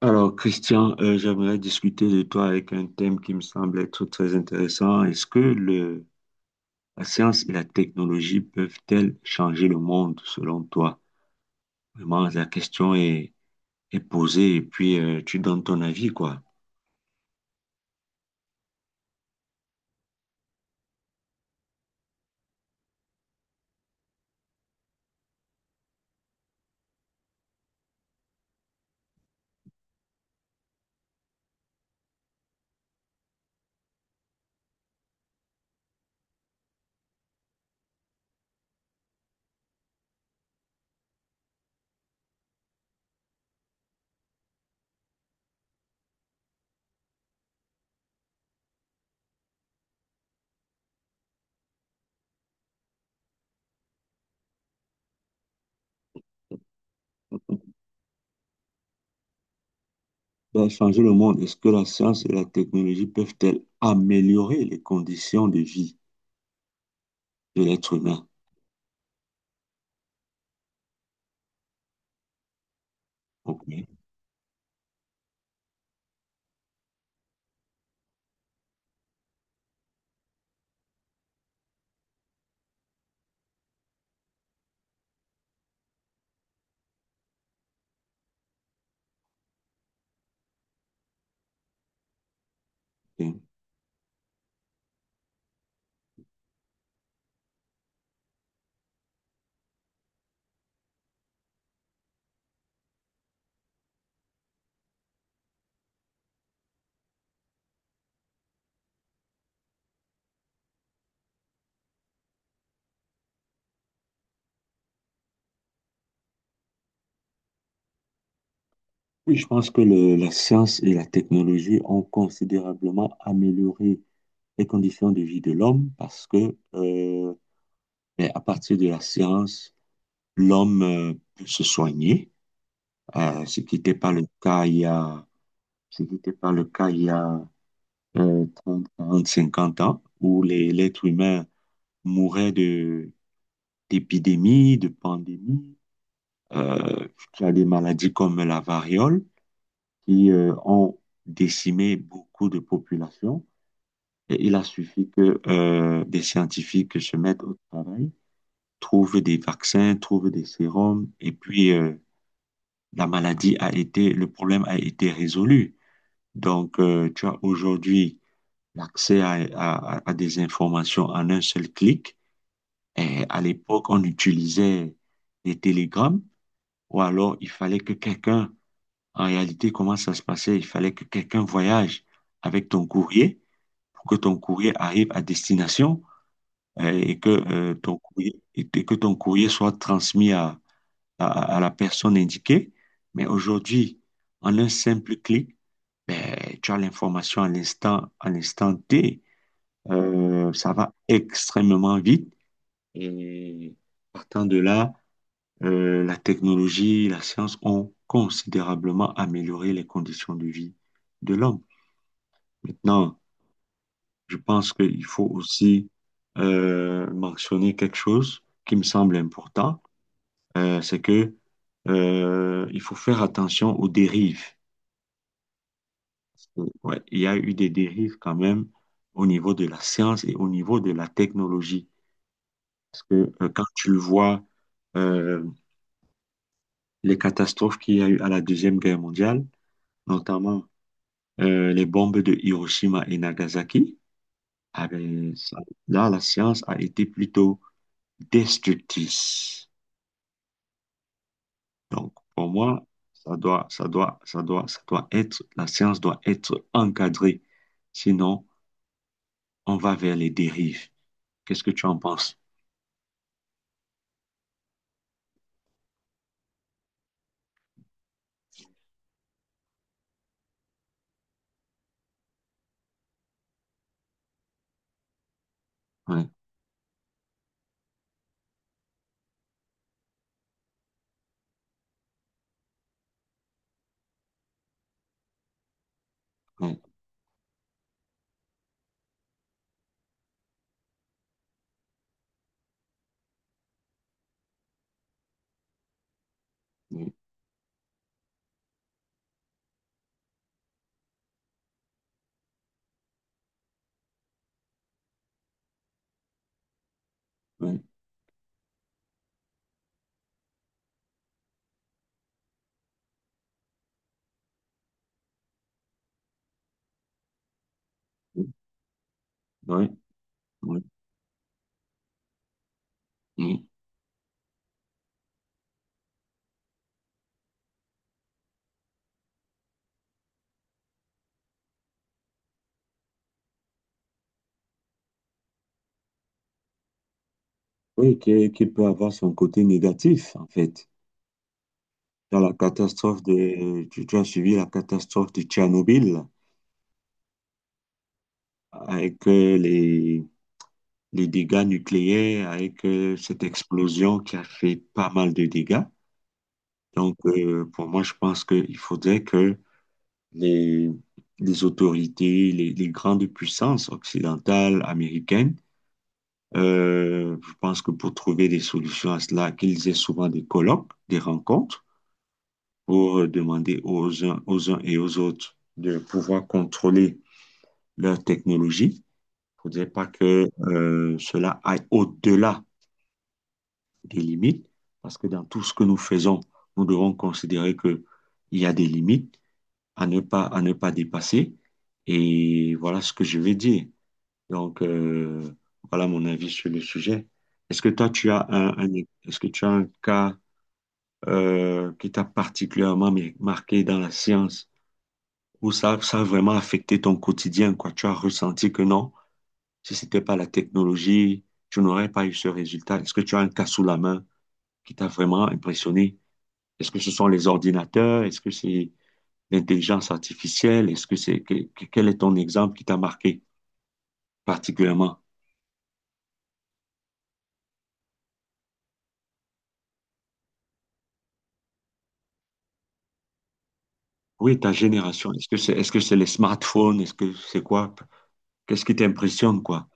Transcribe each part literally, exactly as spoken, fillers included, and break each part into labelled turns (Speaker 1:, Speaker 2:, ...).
Speaker 1: Alors, Christian, euh, j'aimerais discuter de toi avec un thème qui me semble être très intéressant. Est-ce que le, la science et la technologie peuvent-elles changer le monde selon toi? Vraiment, la question est, est posée et puis euh, tu donnes ton avis, quoi. Ben, changer le monde, est-ce que la science et la technologie peuvent-elles améliorer les conditions de vie de l'être humain? Ok. Ok. Oui, je pense que le- la science et la technologie ont considérablement amélioré les conditions de vie de l'homme parce que euh, ben, à partir de la science, l'homme euh, peut se soigner, euh, ce qui n'était pas le cas il y a, ce qui n'était pas le cas il y a euh, trente, quarante, cinquante ans, où les- l'être humain mourait de, d'épidémies, de pandémies, euh, tu a des maladies comme la variole qui euh, ont décimé beaucoup de populations. Et il a suffi que euh, des scientifiques se mettent au travail trouve des vaccins, trouve des sérums, et puis euh, la maladie a été, le problème a été résolu. Donc, euh, tu as aujourd'hui l'accès à, à, à des informations en un seul clic. Et à l'époque, on utilisait les télégrammes, ou alors il fallait que quelqu'un, en réalité, comment ça se passait? Il fallait que quelqu'un voyage avec ton courrier pour que ton courrier arrive à destination euh, et que, euh, ton courrier, et que ton courrier soit transmis à, à, à la personne indiquée. Mais aujourd'hui, en un simple clic, ben, tu as l'information à l'instant, à l'instant T. Euh, ça va extrêmement vite. Et partant de là, euh, la technologie, la science ont considérablement amélioré les conditions de vie de l'homme. Maintenant, je pense qu'il faut aussi euh, mentionner quelque chose qui me semble important, euh, c'est que euh, il faut faire attention aux dérives. Ouais, il y a eu des dérives quand même au niveau de la science et au niveau de la technologie. Parce que euh, quand tu vois euh, les catastrophes qu'il y a eu à la Deuxième Guerre mondiale, notamment euh, les bombes de Hiroshima et Nagasaki, ah ben, ça- là, la science a été plutôt destructrice. Donc, pour moi, ça doit, ça doit, ça doit, ça doit être, la science doit être encadrée. Sinon, on va vers les dérives. Qu'est-ce que tu en penses? Ouais. Ouais, ouais, ouais, ouais, ouais, ouais, ouais. Oui, qui, qui peut avoir son côté négatif, en fait. Dans la catastrophe de, tu, tu as suivi la catastrophe de Tchernobyl, avec euh, les, les dégâts nucléaires, avec euh, cette explosion qui a fait pas mal de dégâts. Donc, euh, pour moi, je pense qu'il faudrait que les, les autorités, les, les grandes puissances occidentales, américaines. Euh, je pense que pour trouver des solutions à cela, qu'ils aient souvent des colloques, des rencontres, pour euh, demander aux uns, aux uns et aux autres de pouvoir contrôler leur technologie. Il ne faudrait pas que euh, cela aille au-delà des limites, parce que dans tout ce que nous faisons, nous devons considérer qu'il y a des limites à ne pas, à ne pas dépasser. Et voilà ce que je vais dire. Donc, euh, voilà mon avis sur le sujet. Est-ce que toi, tu as un, un- Est-ce que tu as un cas euh, qui t'a particulièrement mar- marqué dans la science où ça, ça a vraiment affecté ton quotidien, quoi? Tu as ressenti que non, si c'était pas la technologie, tu n'aurais pas eu ce résultat. Est-ce que tu as un cas sous la main qui t'a vraiment impressionné? Est-ce que ce sont les ordinateurs? Est-ce que c'est l'intelligence artificielle? Est-ce que c'est que- que- quel est ton exemple qui t'a marqué particulièrement? Oui, ta génération, est-ce que c'est est-ce que c'est les smartphones, est-ce que c'est quoi? Qu'est-ce qui t'impressionne, quoi?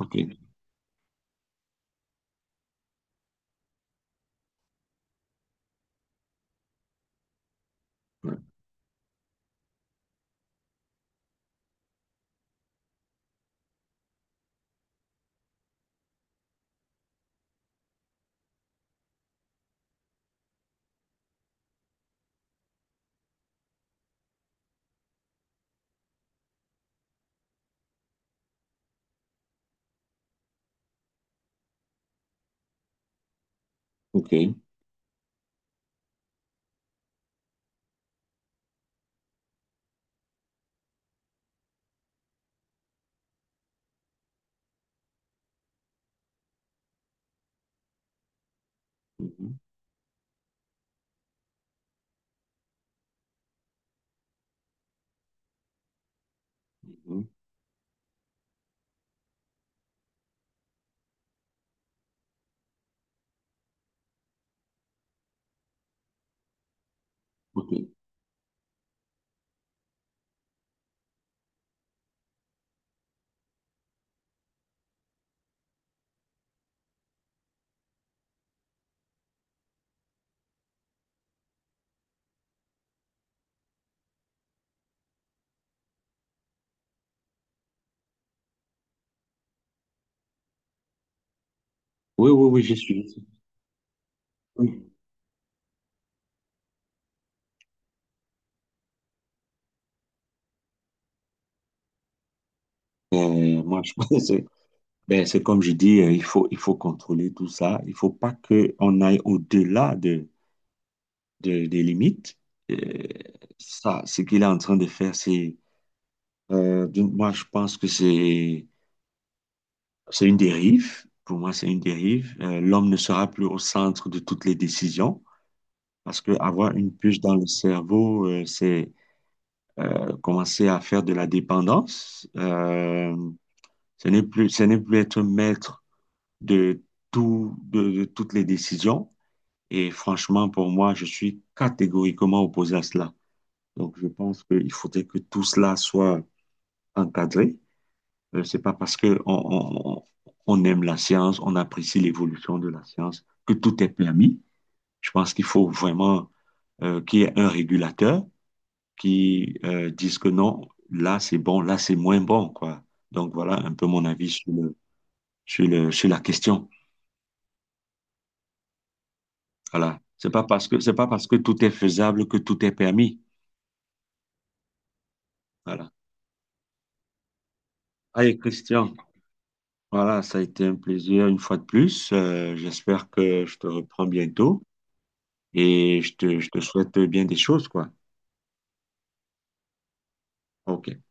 Speaker 1: Ok. Ouais. Ok. Mhm. Mhm. Ok. Oui, oui, oui, je suis. Oui. Euh, moi, je pense que c'est ben, c'est comme je dis, euh, il faut, il faut contrôler tout ça. Il faut pas qu'on aille au-delà de, de- des limites. Euh, ça, ce qu'il est en train de faire, c'est. Euh, d'une- moi, je pense que c'est c'est une dérive. Pour moi, c'est une dérive. Euh, l'homme ne sera plus au centre de toutes les décisions. Parce que avoir une puce dans le cerveau, euh, c'est euh, commencer à faire de la dépendance. Euh, ce n'est plus, ce n'est plus être maître de tout, de, de toutes les décisions. Et franchement, pour moi, je suis catégoriquement opposé à cela. Donc, je pense qu'il faudrait que tout cela soit encadré. Euh, c'est pas parce que on, on, on aime la science, on apprécie l'évolution de la science, que tout est permis. Je pense qu'il faut vraiment euh, qu'il y ait un régulateur qui euh, disent que non, là c'est bon, là c'est moins bon, quoi. Donc voilà un peu mon avis sur le, sur le, sur la question. Voilà. C'est pas parce que, c'est pas parce que tout est faisable que tout est permis. Voilà. Allez, Christian, voilà, ça a été un plaisir une fois de plus. Euh, j'espère que je te reprends bientôt et je te, je te souhaite bien des choses, quoi. OK.